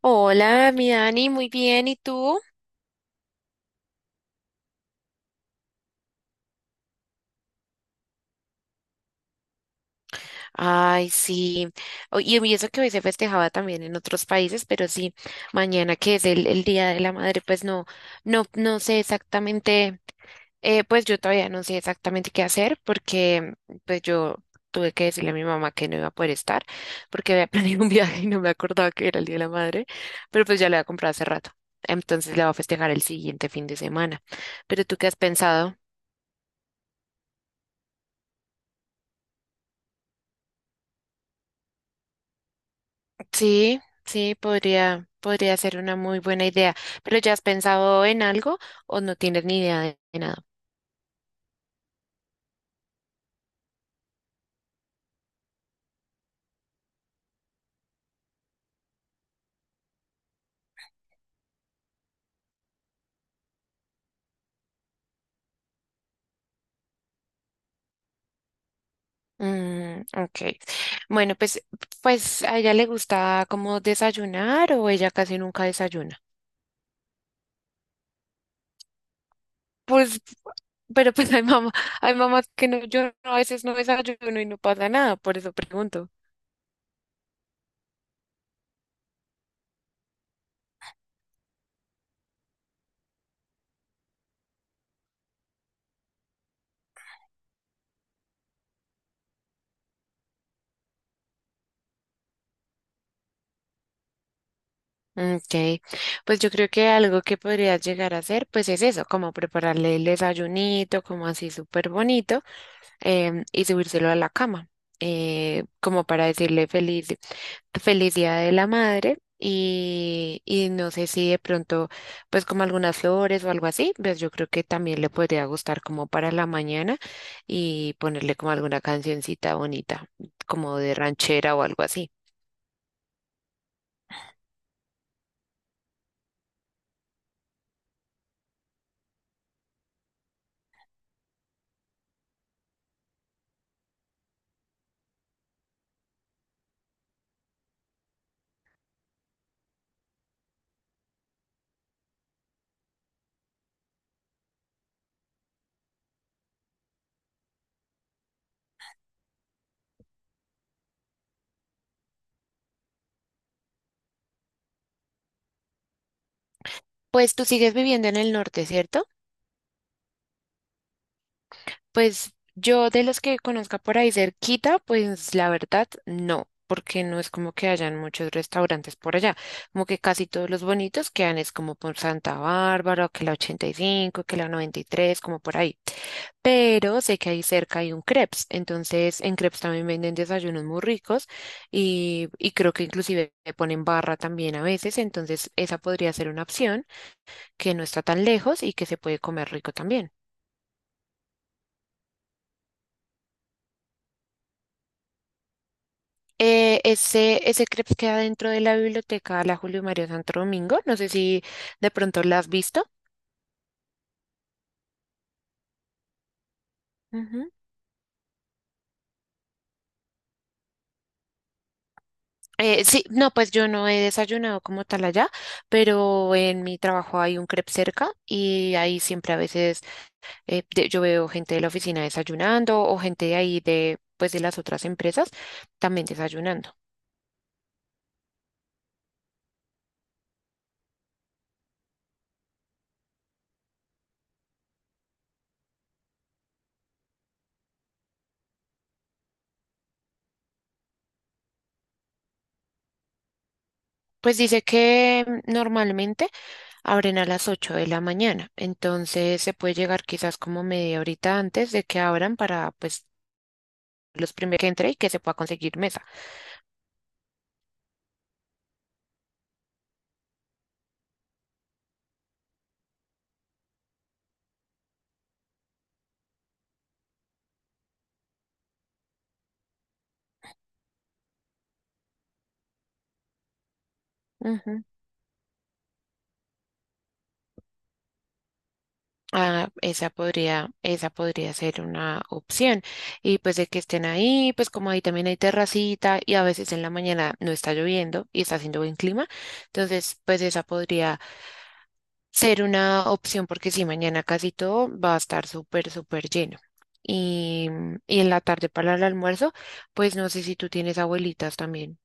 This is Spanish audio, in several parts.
Hola, mi Dani, muy bien, ¿y tú? Ay, sí, y eso que hoy se festejaba también en otros países, pero sí, mañana que es el Día de la Madre, pues no, no sé exactamente, pues yo todavía no sé exactamente qué hacer porque pues yo tuve que decirle a mi mamá que no iba a poder estar porque había planeado un viaje y no me acordaba que era el Día de la Madre, pero pues ya lo había comprado hace rato, entonces la voy a festejar el siguiente fin de semana. ¿Pero tú qué has pensado? Sí, sí, podría ser una muy buena idea. ¿Pero ya has pensado en algo o no tienes ni idea de nada? Mm, ok. Bueno, pues a ella le gusta como desayunar o ella casi nunca desayuna. Pues, pero pues hay mamá, hay mamás que no, yo no, a veces no desayuno y no pasa nada, por eso pregunto. Ok, pues yo creo que algo que podrías llegar a hacer, pues es eso, como prepararle el desayunito, como así súper bonito. Y subírselo a la cama, como para decirle feliz, feliz Día de la Madre. Y no sé si de pronto, pues como algunas flores o algo así, pues yo creo que también le podría gustar como para la mañana y ponerle como alguna cancioncita bonita, como de ranchera o algo así. Pues tú sigues viviendo en el norte, ¿cierto? Pues yo de los que conozca por ahí cerquita, pues la verdad no, porque no es como que hayan muchos restaurantes por allá, como que casi todos los bonitos quedan es como por Santa Bárbara, que la 85, que la 93, como por ahí. Pero sé que ahí cerca hay un crepes, entonces en crepes también venden desayunos muy ricos y creo que inclusive le ponen barra también a veces, entonces esa podría ser una opción que no está tan lejos y que se puede comer rico también. Ese crepes queda dentro de la biblioteca La Julio Mario Santo Domingo. No sé si de pronto la has visto. Ujú. Sí, no, pues yo no he desayunado como tal allá, pero en mi trabajo hay un crepe cerca y ahí siempre a veces yo veo gente de la oficina desayunando o gente de ahí de, pues de las otras empresas también desayunando. Pues dice que normalmente abren a las 8 de la mañana, entonces se puede llegar quizás como media horita antes de que abran para pues los primeros que entre y que se pueda conseguir mesa. Ujú. Ah, esa podría ser una opción. Y pues de que estén ahí, pues como ahí también hay terracita y a veces en la mañana no está lloviendo y está haciendo buen clima, entonces pues esa podría ser una opción porque si mañana casi todo va a estar súper, súper lleno. Y, y en la tarde para el almuerzo, pues no sé si tú tienes abuelitas también.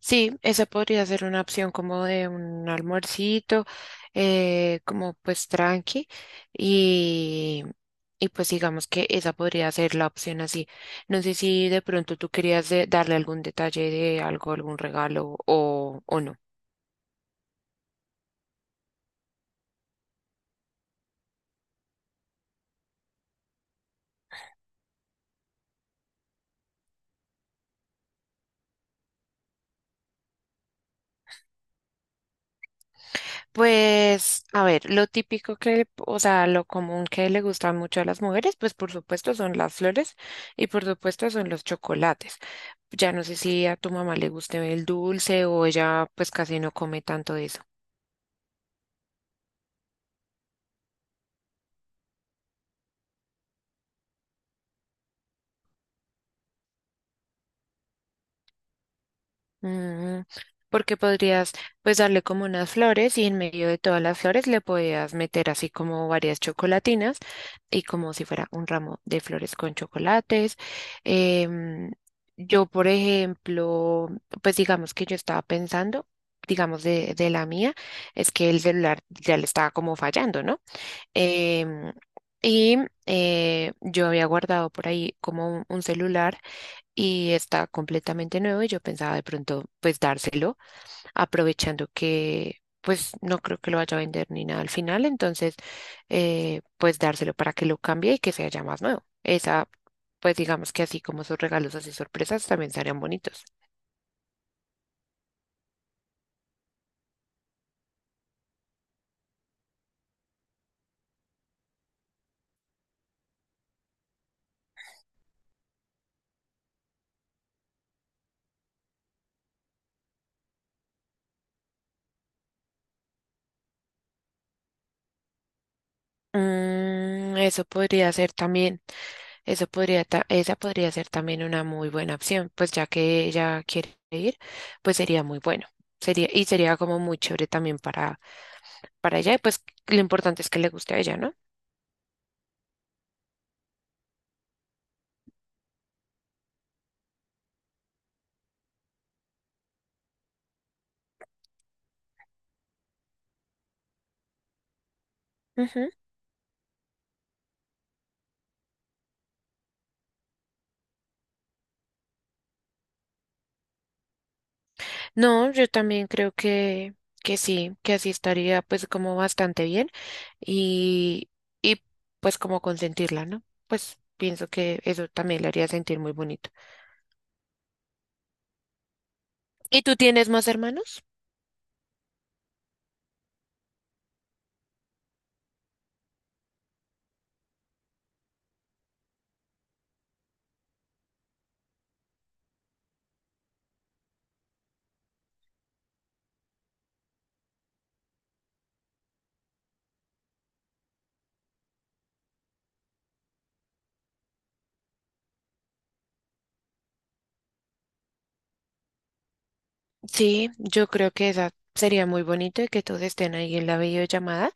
Sí, esa podría ser una opción como de un almuercito, como pues tranqui y, y pues digamos que esa podría ser la opción así. No sé si de pronto tú querías darle algún detalle de algo, algún regalo o no. Pues a ver, lo típico que, o sea, lo común que le gusta mucho a las mujeres, pues por supuesto son las flores y por supuesto son los chocolates. Ya no sé si a tu mamá le guste el dulce o ella pues casi no come tanto de eso. Mm, porque podrías pues darle como unas flores y en medio de todas las flores le podías meter así como varias chocolatinas y como si fuera un ramo de flores con chocolates. Em, yo, por ejemplo, pues digamos que yo estaba pensando, digamos de la mía, es que el celular ya le estaba como fallando, ¿no? Em, y yo había guardado por ahí como un celular y está completamente nuevo y yo pensaba de pronto pues dárselo, aprovechando que pues no creo que lo vaya a vender ni nada al final, entonces pues dárselo para que lo cambie y que sea ya más nuevo. Esa, pues digamos que así como sus regalos así sorpresas también estarían bonitos. Mm, eso podría ser también. Esa podría ser también una muy buena opción, pues ya que ella quiere ir, pues sería muy bueno. Sería, y sería como muy chévere también para ella, y pues lo importante es que le guste a ella, ¿no? Ujú. No, yo también creo que sí, que así estaría pues como bastante bien y, y pues como consentirla, ¿no? Pues pienso que eso también le haría sentir muy bonito. ¿Y tú tienes más hermanos? Sí, yo creo que esa sería muy bonito y que todos estén ahí en la videollamada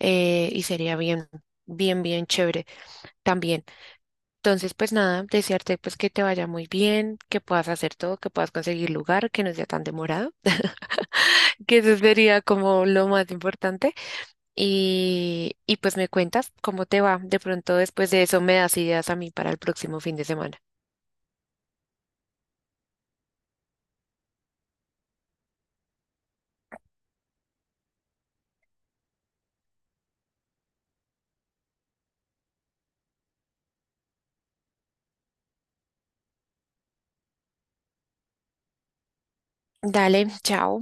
y sería bien, bien chévere también. Entonces, pues nada, desearte pues que te vaya muy bien, que puedas hacer todo, que puedas conseguir lugar, que no sea tan demorado, que eso sería como lo más importante. Y pues me cuentas cómo te va. De pronto después de eso me das ideas a mí para el próximo fin de semana. Dale, chao.